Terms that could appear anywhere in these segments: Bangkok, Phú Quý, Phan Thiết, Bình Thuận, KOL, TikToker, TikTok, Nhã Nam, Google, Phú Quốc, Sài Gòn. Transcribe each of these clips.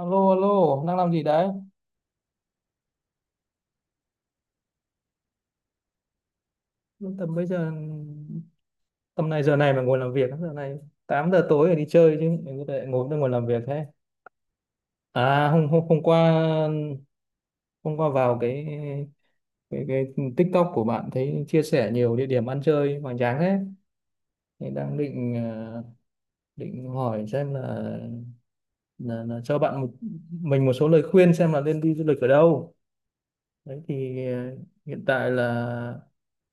Alo, alo, đang làm gì đấy? Tầm bây giờ, tầm này giờ này mà ngồi làm việc, giờ này 8 giờ tối rồi đi chơi chứ, mình có thể ngồi đây ngồi làm việc thế. À, hôm qua vào cái TikTok của bạn thấy chia sẻ nhiều địa điểm ăn chơi hoành tráng thế. Thì đang định hỏi xem là mình một số lời khuyên xem là nên đi du lịch ở đâu. Đấy thì hiện tại là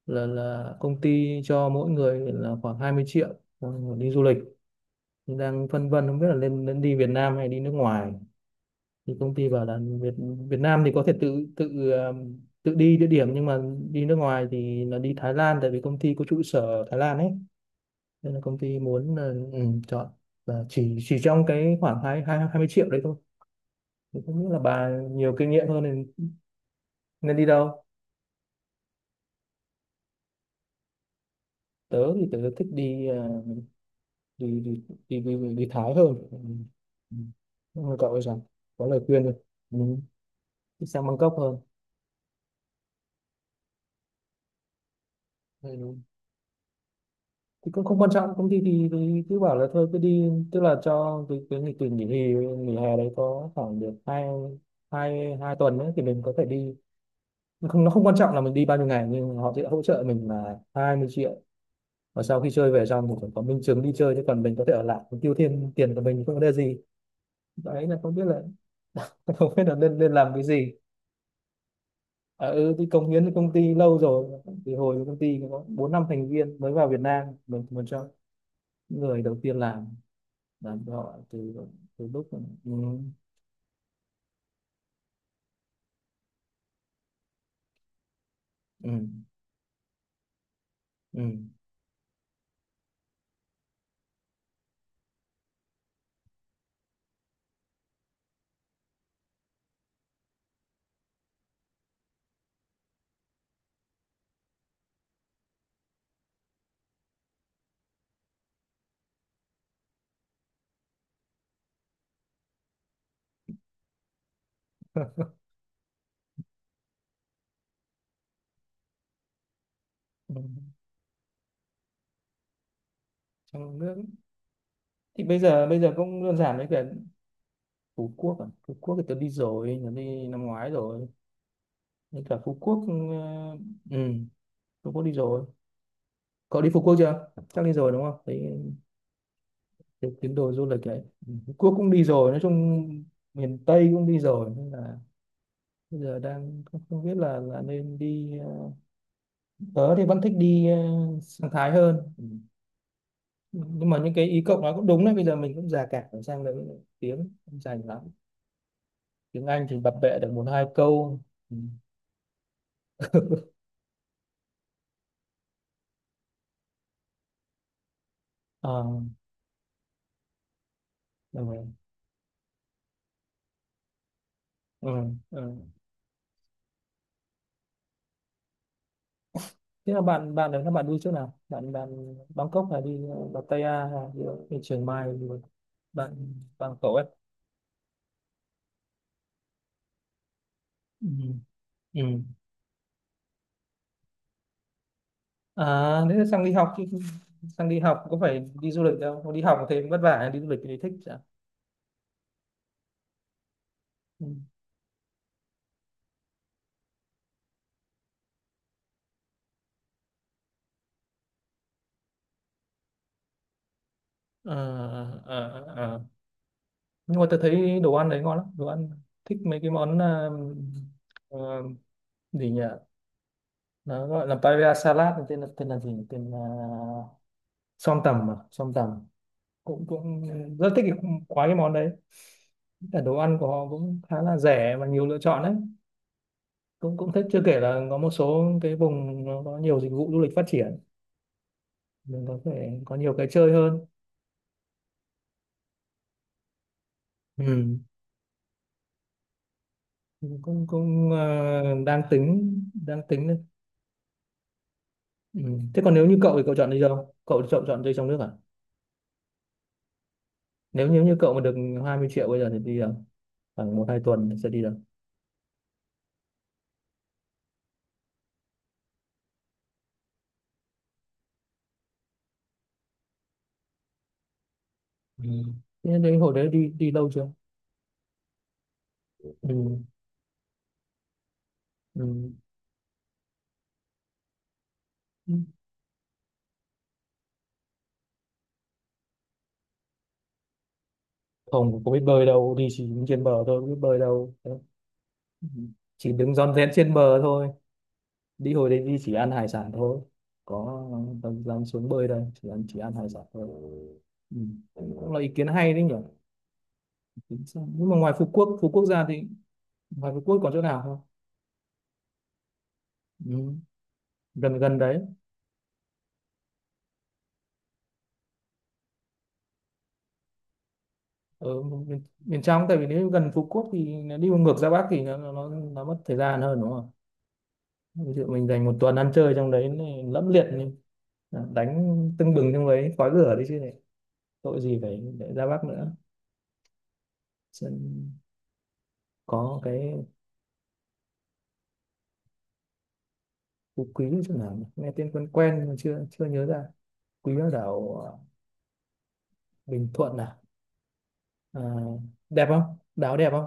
là là công ty cho mỗi người là khoảng 20 triệu ờ, đi du lịch, đang phân vân không biết là nên nên đi Việt Nam hay đi nước ngoài. Thì công ty bảo là Việt Việt Nam thì có thể tự tự ờ, tự đi địa điểm, nhưng mà đi nước ngoài thì là đi Thái Lan, tại vì công ty có trụ sở ở Thái Lan ấy, nên là công ty muốn là, ừ, chọn, và chỉ trong cái khoảng hai hai hai mươi triệu đấy thôi. Thì không biết là bà nhiều kinh nghiệm hơn nên nên đi đâu. Tớ thì tớ thích đi ờ, đi đi đi đi, đi Thái hơn. Ừ. Ừ. Nhưng mà cậu ấy rằng có lời khuyên rồi. Ừ, đi sang Bangkok hơn. Ừ, đúng. Thì cũng không quan trọng, công ty thì cứ bảo là thôi cứ đi, tức là cho cái nghỉ hè đấy có khoảng được hai hai hai tuần nữa thì mình có thể đi. Nó không quan trọng là mình đi bao nhiêu ngày, nhưng họ sẽ hỗ trợ mình là 20 triệu, và sau khi chơi về xong thì phải có minh chứng đi chơi, chứ còn mình có thể ở lại mình tiêu thêm tiền của mình không có vấn đề gì. Đấy là không biết là không biết là nên nên làm cái gì. Tôi cống hiến cho công ty lâu rồi, thì hồi công ty có bốn năm thành viên mới vào Việt Nam mình một cho người đầu tiên làm cho họ từ từ lúc. Ừ, ừ, ừ, ừ, trong nước ấy. Thì bây giờ cũng đơn giản với cả Phú Quốc à. Phú Quốc thì tôi đi năm ngoái rồi. Với cả Phú Quốc, ừ, ừ, Phú Quốc đi rồi. Cậu đi Phú Quốc chưa? Chắc đi rồi đúng không thấy, cái tín đồ du lịch đấy. Ừ, Phú Quốc cũng đi rồi, nói chung miền Tây cũng đi rồi, nên là bây giờ đang không không biết là nên đi tớ thì vẫn thích đi sang Thái hơn. Ừ. Nhưng mà những cái ý cậu nói cũng đúng đấy, bây giờ mình cũng già cả rồi, sang đấy tiếng không dành lắm, tiếng Anh thì bập bẹ được một hai câu. Ừ. À, ừ. Ừ. Ừ. Thế là bạn bạn đấy các bạn đi chỗ nào? Bạn bạn Bangkok hay đi Pattaya hay đi Chiang Mai đi? Bạn bạn cậu ấy. Ừ. Ừ. À, nếu sang đi học chứ. Sang đi học có phải đi du lịch đâu, không đi học thì vất vả, đi du lịch thì thích chứ. Ừ. Ờ, ờ, ờ. Nhưng mà tôi thấy đồ ăn đấy ngon lắm. Đồ ăn, thích mấy cái món ờ, gì nhỉ, nó gọi là paella salad, tên là gì nhỉ? Tên là som tầm, à som tầm. Cũng cũng rất thích quá cái món đấy. Cả đồ ăn của họ cũng khá là rẻ và nhiều lựa chọn đấy, cũng cũng thích. Chưa kể là có một số cái vùng nó có nhiều dịch vụ du lịch phát triển, mình có thể có nhiều cái chơi hơn. Ừ. cũng cũng ờ, đang tính. Ừ. Thế còn nếu như cậu thì cậu chọn đi đâu? Cậu chọn chọn chơi trong nước à? Nếu nếu như cậu mà được 20 triệu bây giờ thì đi đâu? Khoảng một hai tuần sẽ đi đâu? Ừ. Thế đấy hồi đấy đi đi đâu chưa? Ừ. Ừ. Không có biết bơi đâu, đi chỉ đứng trên bờ thôi, không biết bơi đâu. Thế. Ừ. Chỉ đứng rón rén trên bờ thôi. Đi hồi đấy đi chỉ ăn hải sản thôi. Có dám dám xuống bơi đây, chỉ ăn hải sản thôi. Ừ. Cũng là ý kiến hay đấy nhỉ? Tính sao? Nhưng mà ngoài Phú Quốc ra thì ngoài Phú Quốc còn chỗ nào không? Ừ, gần gần đấy. Ở miền trong, tại vì nếu gần Phú Quốc thì nó đi ngược ra Bắc thì nó mất thời gian hơn đúng không? Ví dụ mình dành 1 tuần ăn chơi trong đấy này, lẫm liệt này, đánh tưng bừng trong đấy khói lửa đấy chứ này, tội gì phải để ra Bắc nữa. Sơn có cái Phú Quý chỗ nào nhỉ? Nghe tên quen quen mà chưa chưa nhớ ra. Quý ở đảo Bình Thuận à, à đẹp không, đảo đẹp không?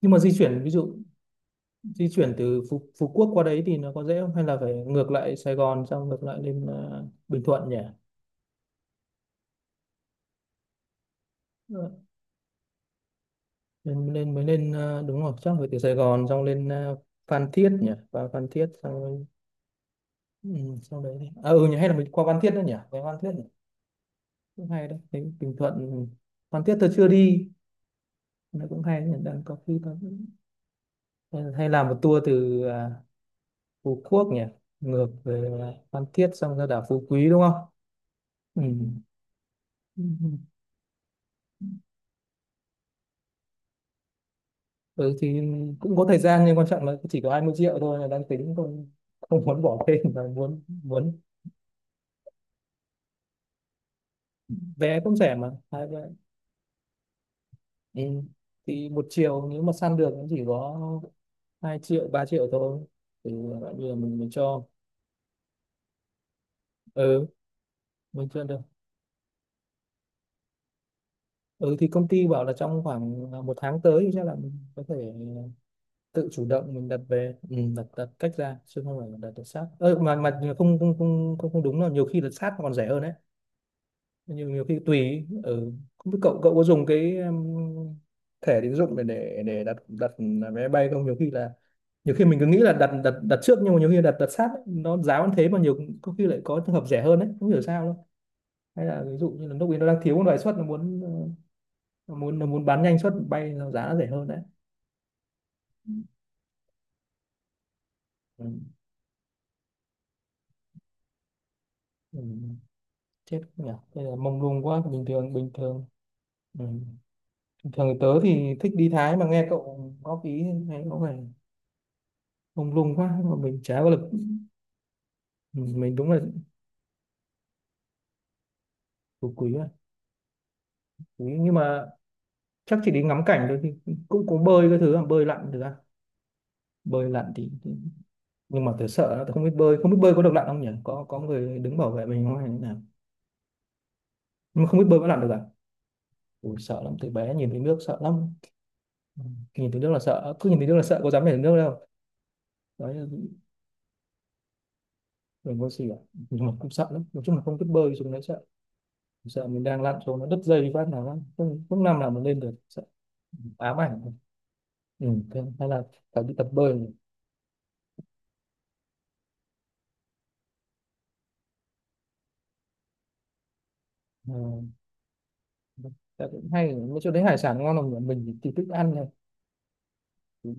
Nhưng mà di chuyển ví dụ, di chuyển từ Phú Quốc qua đấy thì nó có dễ không, hay là phải ngược lại Sài Gòn xong ngược lại lên Bình Thuận nhỉ. Ờ, lên lên mới lên ờ, đúng rồi, chắc phải từ Sài Gòn xong lên Phan Thiết nhỉ, và Phan Thiết xong rồi- ừ, sau đấy đi. À, ừ nhỉ, hay là mình qua Phan Thiết nữa nhỉ, về Phan Thiết nhỉ? Cũng hay đấy. Thấy Bình Thuận, ừ, Phan Thiết tôi chưa đi, nó cũng hay đấy nhỉ, đang có khi có hay hay làm một tour từ Phú Quốc nhỉ, ngược về Phan Thiết xong ra đảo Phú Quý đúng không? Ừ. Ừ thì cũng có thời gian, nhưng quan trọng là chỉ có 20 triệu thôi là đang tính không, không muốn bỏ thêm, và muốn muốn vé cũng rẻ mà hai vé. Ừ. Thì một chiều nếu mà săn được cũng chỉ có 2 triệu 3 triệu thôi, thì bây giờ mình cho. Ừ, mình chưa được. Ừ thì công ty bảo là trong khoảng 1 tháng tới thì chắc là mình có thể tự chủ động mình đặt về, ừ, đặt đặt cách ra chứ không phải là đặt được sát, ơ mà không, không, không, không, không, đúng là nhiều khi đặt sát còn rẻ hơn đấy, nhưng nhiều khi tùy. Ừ. Không biết cậu cậu có dùng cái thẻ tín dụng để đặt đặt vé bay không? Nhiều khi là, nhiều khi mình cứ nghĩ là đặt đặt đặt trước, nhưng mà nhiều khi đặt đặt sát ấy, nó giá vẫn thế mà nhiều có khi lại có trường hợp rẻ hơn đấy, không hiểu sao đâu. Hay là ví dụ như là lúc ấy nó đang thiếu một loại suất, nó muốn nó muốn bán nhanh suất bay nó giá nó rẻ hơn đấy. Ừ. Ừ. Chết nhỉ, bây giờ mông lung quá. Bình thường. Ừ, bình thường thì tớ thì thích đi Thái, mà nghe cậu góp ý thấy có vẻ mông lung quá mà mình chả có lực. Ừ, mình đúng là, của quý à, quý, nhưng mà chắc chỉ đi ngắm cảnh thôi, thì cũng có bơi cái thứ à, bơi lặn. Thực ra bơi lặn thì- nhưng mà tớ sợ lắm, tớ không biết bơi, không biết bơi có được lặn không nhỉ, có người đứng bảo vệ mình không hay như thế nào, nhưng mà không biết bơi có lặn được à? Ui, sợ lắm, từ bé nhìn thấy nước sợ lắm. Ừ, nhìn thấy nước là sợ, cứ nhìn thấy nước là sợ, có dám nhảy xuống nước đâu. Đấy là mình có gì cả, nhưng mà cũng sợ lắm, nói chung là không biết bơi xuống đấy sợ. Sợ mình đang lặn xuống nó đứt dây phát nào lắm không, không làm nào mà lên được, sợ ám ảnh. Ừ, thế hay là phải đi tập bơi. Ừ, dạ cũng hay, mấy chỗ đấy hải sản ngon, là mình thì thích ăn này. Thì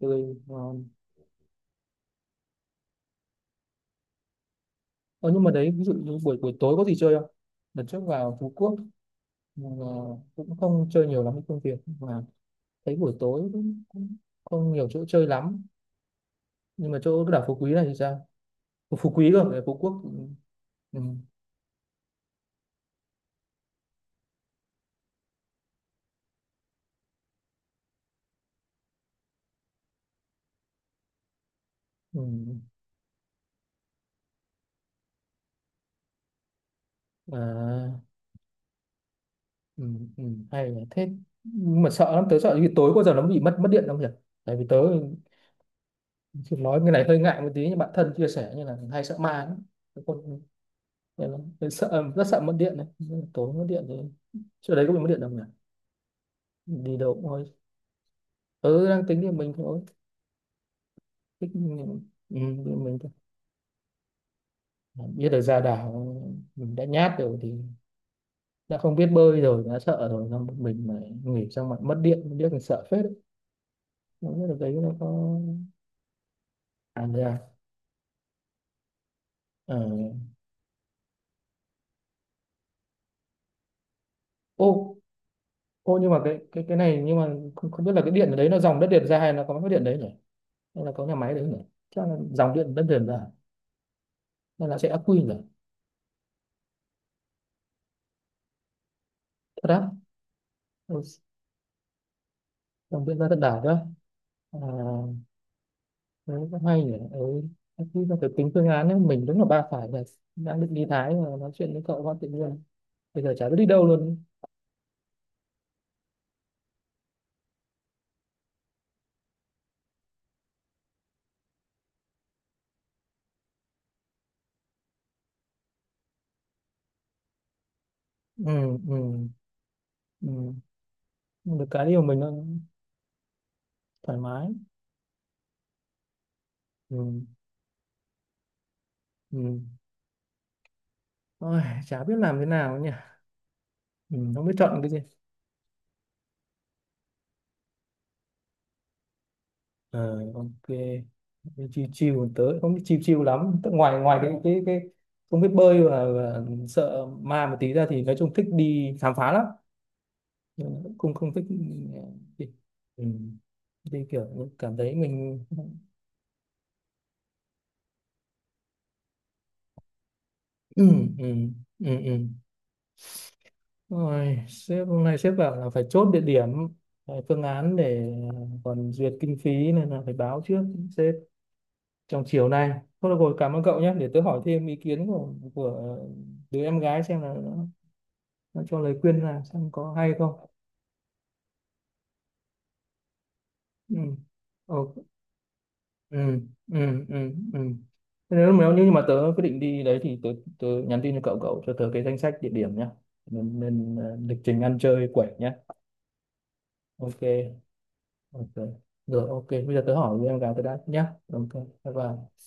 tươi ngon. Ờ, nhưng mà đấy ví dụ như buổi buổi tối có gì chơi không? Lần trước vào Phú Quốc mà cũng không chơi nhiều lắm với công việc mà. Thấy buổi tối cũng cũng không nhiều chỗ chơi lắm. Nhưng mà chỗ cái đảo Phú Quý này thì sao? Ủa, Phú Quý cơ, ở Phú Quốc, ừ, ừ, ừ. À, ừ, ừ, hay là thế, nhưng mà sợ lắm, tớ sợ vì tối có giờ nó bị mất mất điện không nhỉ, tại vì tớ, chị nói cái này hơi ngại một tí nhưng bạn thân chia sẻ như là hay sợ ma lắm. Cái con, nên là sợ, rất sợ mất điện đấy. Tối mất điện rồi. Chỗ đấy có bị mất điện đâu nhỉ? Đi đâu cũng thôi. Ừ, đang tính thì mình thôi. Thích mình, ừ, mình thôi. Biết được ra đảo, mình đã nhát rồi thì đã không biết bơi rồi đã sợ rồi, xong một mình mà nghỉ xong lại mất điện, biết mình sợ phết đấy. Không biết được đấy nó có, à, ra, ờ, ô, ô, nhưng mà cái này nhưng mà không, không biết là cái điện ở đấy nó dòng đất điện ra hay nó có mất điện đấy nhỉ? Nên là có nhà máy đấy nữa, chắc là dòng điện đất liền rồi, nên là sẽ ắc quy rồi. Thật á? Ừ, dòng điện ra tận đảo đó, à, đấy cũng hay nhỉ. Ừ, ắc quy là phải tính phương án ấy. Mình đúng là ba phải này, đang định đi Thái mà nói chuyện với cậu quá tự nhiên bây giờ chả biết đi đâu luôn. Ừ, ừ, ừ. Được cái điều mình nó thoải mái. Ừ, ừ. Ôi, chả biết làm thế nào nhỉ. Ừ, không biết chọn cái gì. Ờ, ok. Đi chiêu chiêu tớ không biết chiêu chiêu lắm, tức ngoài ngoài cái không biết bơi và sợ ma một tí ra thì nói chung thích đi khám phá lắm. Nhưng mà cũng không, không thích đi, ừ, đi kiểu như cảm thấy mình, ừ, ừ, ừ, ừ. Ừ. Rồi, sếp hôm nay sếp bảo là phải chốt địa điểm, phải phương án để còn duyệt kinh phí, nên là phải báo trước sếp trong chiều nay. Thôi được rồi, cảm ơn cậu nhé, để tớ hỏi thêm ý kiến của đứa em gái xem là nó cho lời khuyên là xem có hay không. Ừ. Ừ, ừ, ừ, ừ, ừ, ừ. Thế nếu nếu như mà tớ quyết định đi đấy thì tớ, tớ nhắn tin cho cậu, cậu cho tớ cái danh sách địa điểm nhá, nên, nên lịch trình ăn chơi quẩy nhá. Ok. Ok. Rồi, ok, bây giờ tớ hỏi em gái tớ đã nhá. Ok. Bye bye.